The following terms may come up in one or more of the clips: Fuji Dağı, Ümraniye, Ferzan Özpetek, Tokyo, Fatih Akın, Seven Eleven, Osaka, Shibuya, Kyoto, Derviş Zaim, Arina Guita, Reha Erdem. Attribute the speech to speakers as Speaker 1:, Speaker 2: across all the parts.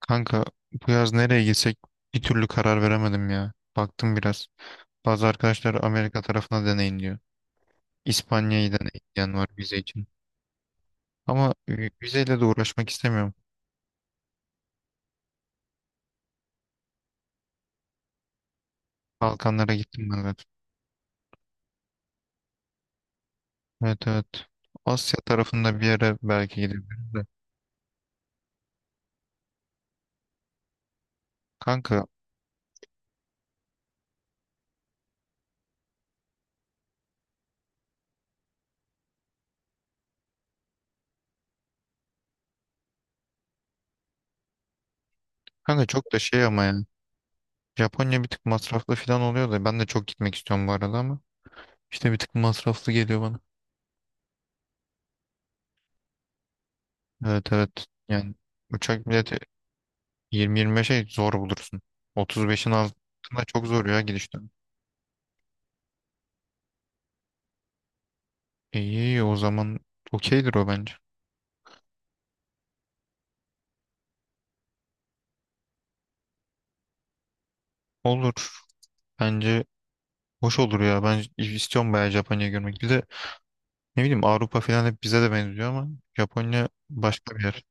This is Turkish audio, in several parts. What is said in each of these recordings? Speaker 1: Kanka bu yaz nereye gitsek bir türlü karar veremedim ya. Baktım biraz. Bazı arkadaşlar Amerika tarafına deneyin diyor. İspanya'yı deneyin diyen var vize için. Ama vizeyle de uğraşmak istemiyorum. Balkanlara gittim ben zaten. Evet evet. Asya tarafında bir yere belki gidebiliriz de. Kanka. Kanka, çok da şey ama yani. Japonya bir tık masraflı falan oluyor da ben de çok gitmek istiyorum bu arada ama. İşte bir tık masraflı geliyor bana. Evet evet. Yani uçak bileti 20-25'e zor bulursun. 35'in altında çok zor ya gidiş dönemi. İyi o zaman okeydir o bence. Olur. Bence hoş olur ya. Ben istiyorum bayağı Japonya'yı görmek. Bir de ne bileyim Avrupa falan hep bize de benziyor ama Japonya başka bir yer.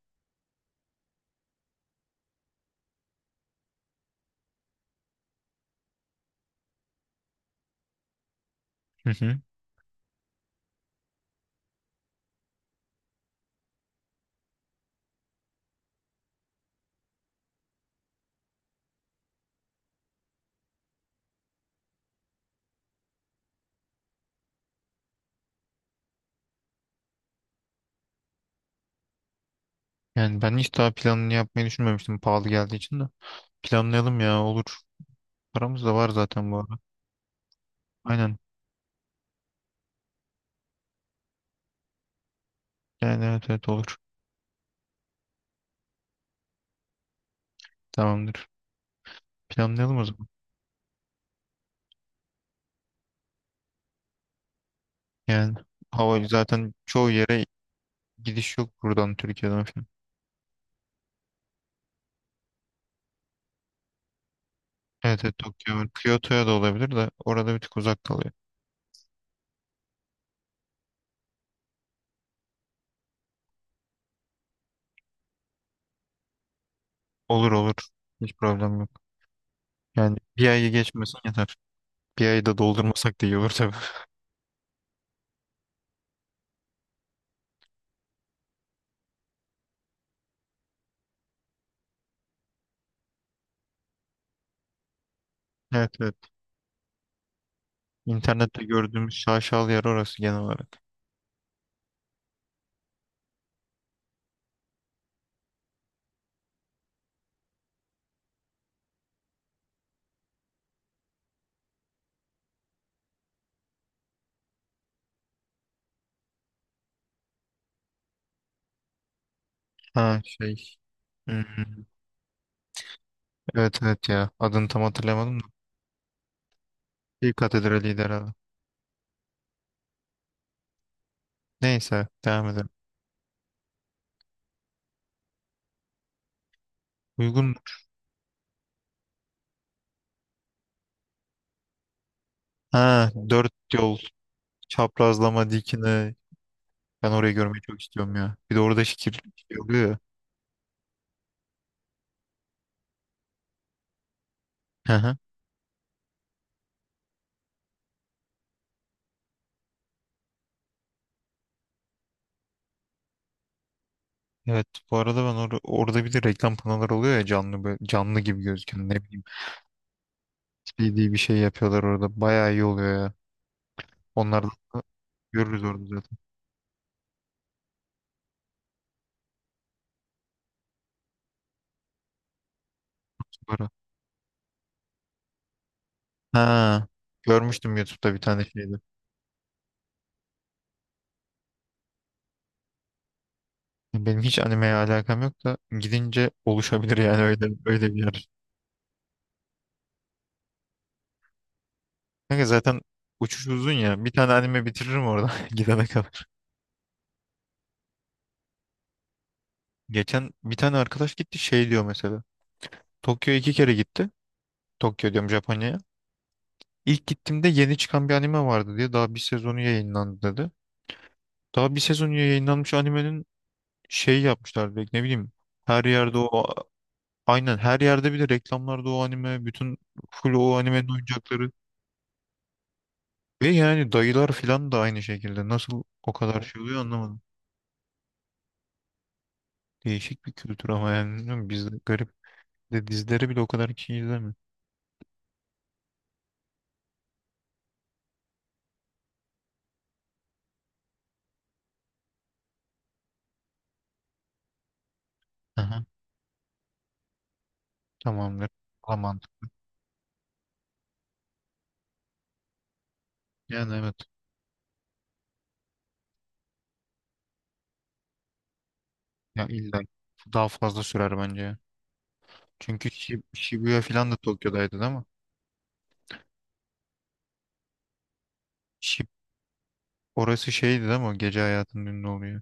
Speaker 1: Hı hı. Yani ben hiç daha planını yapmayı düşünmemiştim pahalı geldiği için de. Planlayalım ya olur. Paramız da var zaten bu arada. Aynen. Yani evet evet olur. Tamamdır. Planlayalım o zaman. Yani hava zaten çoğu yere gidiş yok buradan Türkiye'den falan. Evet, evet Tokyo var. Kyoto'ya da olabilir de orada bir tık uzak kalıyor. Olur olur. Hiç problem yok. Yani bir ayı geçmesin yeter. Bir ayı da doldurmasak da iyi olur tabii. Evet evet. İnternette gördüğümüz şaşalı yer orası genel olarak. Ha şey. Hmm, evet evet ya. Adını tam hatırlamadım da. Bir katedraliydi herhalde. Neyse devam edelim. Uygun. Ha dört yol çaprazlama dikine. Ben orayı görmeyi çok istiyorum ya. Bir de orada şekil şey oluyor ya. Evet bu arada ben orada bir de reklam panoları oluyor ya canlı böyle, canlı gibi gözüken ne bileyim 3D bir şey yapıyorlar orada bayağı iyi oluyor ya. Onları da görürüz orada zaten sonra. Ha görmüştüm YouTube'da bir tane şeydi. Benim hiç animeye alakam yok da gidince oluşabilir yani öyle öyle bir yer. Kanka zaten uçuş uzun ya bir tane anime bitiririm orada gidene kadar. Geçen bir tane arkadaş gitti şey diyor mesela. Tokyo'ya iki kere gitti. Tokyo diyorum Japonya'ya. İlk gittiğimde yeni çıkan bir anime vardı diye daha bir sezonu yayınlandı dedi. Daha bir sezonu yayınlanmış animenin şeyi yapmışlar direkt ne bileyim. Her yerde o aynen her yerde bir de reklamlarda o anime bütün full o animenin oyuncakları. Ve yani dayılar filan da aynı şekilde nasıl o kadar şey oluyor anlamadım. Değişik bir kültür ama yani bilmiyorum bizde garip de dizileri bile o kadar kişi izlemiyor. Aha, tamamdır. Aman. Yani evet. Ya illa daha fazla sürer bence ya. Çünkü Shibuya filan da Tokyo'daydı değil mi? Şip Orası şeydi değil mi? O gece hayatının ünlü oluyor.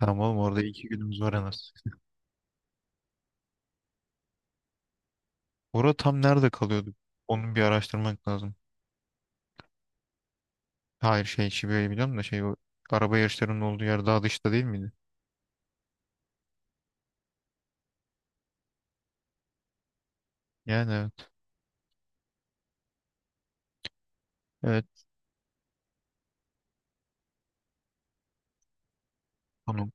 Speaker 1: Tamam oğlum orada 2 günümüz var en az. Orada tam nerede kalıyordu? Onun bir araştırmak lazım. Hayır şey Şibu'yu biliyorum da şey o araba yarışlarının olduğu yer daha dışta değil miydi? Yani evet. Evet tamam.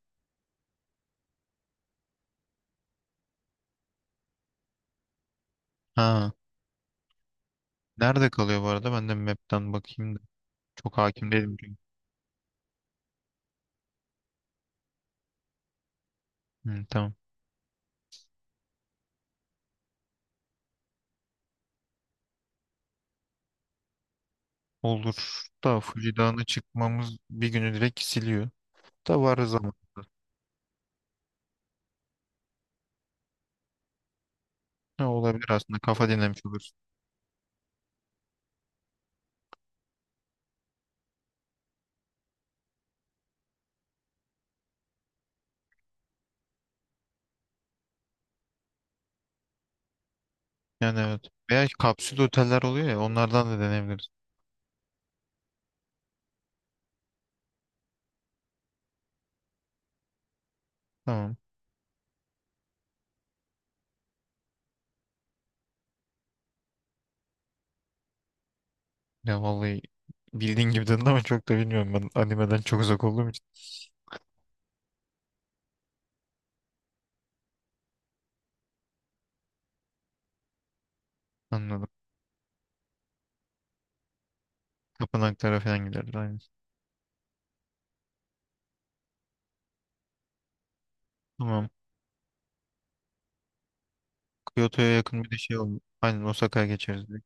Speaker 1: Ha. Nerede kalıyor bu arada? Ben de map'ten bakayım da. Çok hakim değilim çünkü. Hı, tamam. Olur da Fuji Dağı'na çıkmamız bir günü direkt siliyor. Da var zaman. Ne olabilir aslında kafa dinlemiş oluruz. Yani evet. Veya kapsül oteller oluyor ya onlardan da deneyebiliriz. Tamam. Ya vallahi bildiğin gibi dedin ama çok da bilmiyorum ben animeden çok uzak olduğum için. Anladım. Tapınaklara falan gideriz aynen. Tamam. Kyoto'ya yakın bir de şey oldu. Aynen Osaka'ya geçeriz direkt.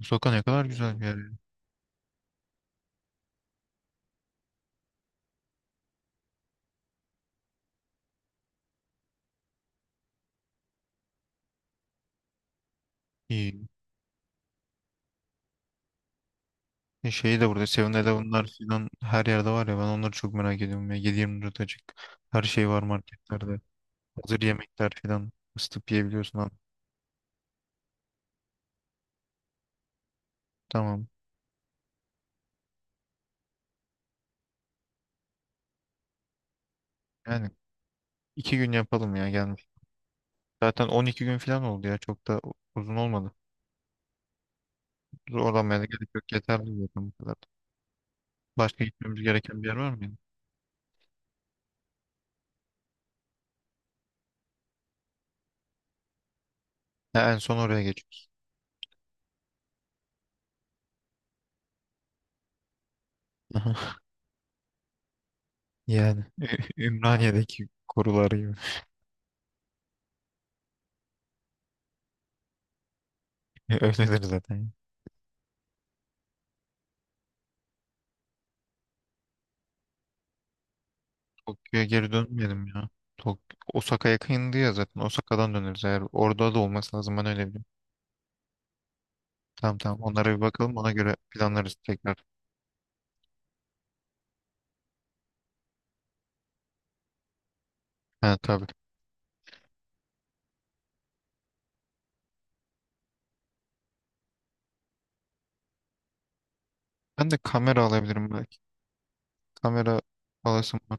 Speaker 1: Osaka ne kadar güzel bir yer ya. İyi. Şeyi de burada Seven Eleven'lar falan her yerde var ya ben onları çok merak ediyorum ya. 7-24 açık. Her şey var marketlerde. Hazır yemekler falan. Isıtıp yiyebiliyorsun abi. Tamam. Yani 2 gün yapalım ya gelmiş. Zaten 12 gün falan oldu ya çok da uzun olmadı. Zorlanmaya da gerek yok. Yeterli zaten bu kadar. Başka gitmemiz gereken bir yer var mıydı? Ha, en son oraya geçiyoruz. Aha. Yani Ümraniye'deki korular gibi. Öyledir zaten. Tokyo'ya geri dönmeyelim ya. Tok Osaka yakındı ya zaten. Osaka'dan döneriz eğer. Orada da olması lazım. Ben öyle biliyorum. Tamam tamam. Onlara bir bakalım. Ona göre planlarız tekrar. Ha tabii. Ben de kamera alabilirim belki. Kamera alasım var.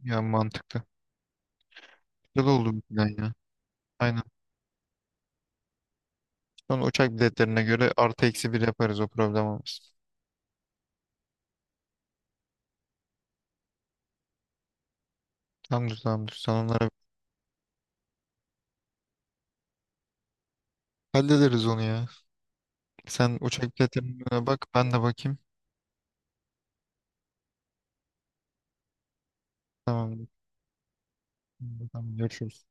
Speaker 1: Ya mantıklı. Güzel oldu bu plan ya. Aynen. Sonra uçak biletlerine göre artı eksi bir yaparız. O problem olmaz. Tamamdır tamamdır. Sen onlara hallederiz onu ya. Sen uçak biletlerine bak ben de bakayım. Tamam. Tamam görüşürüz.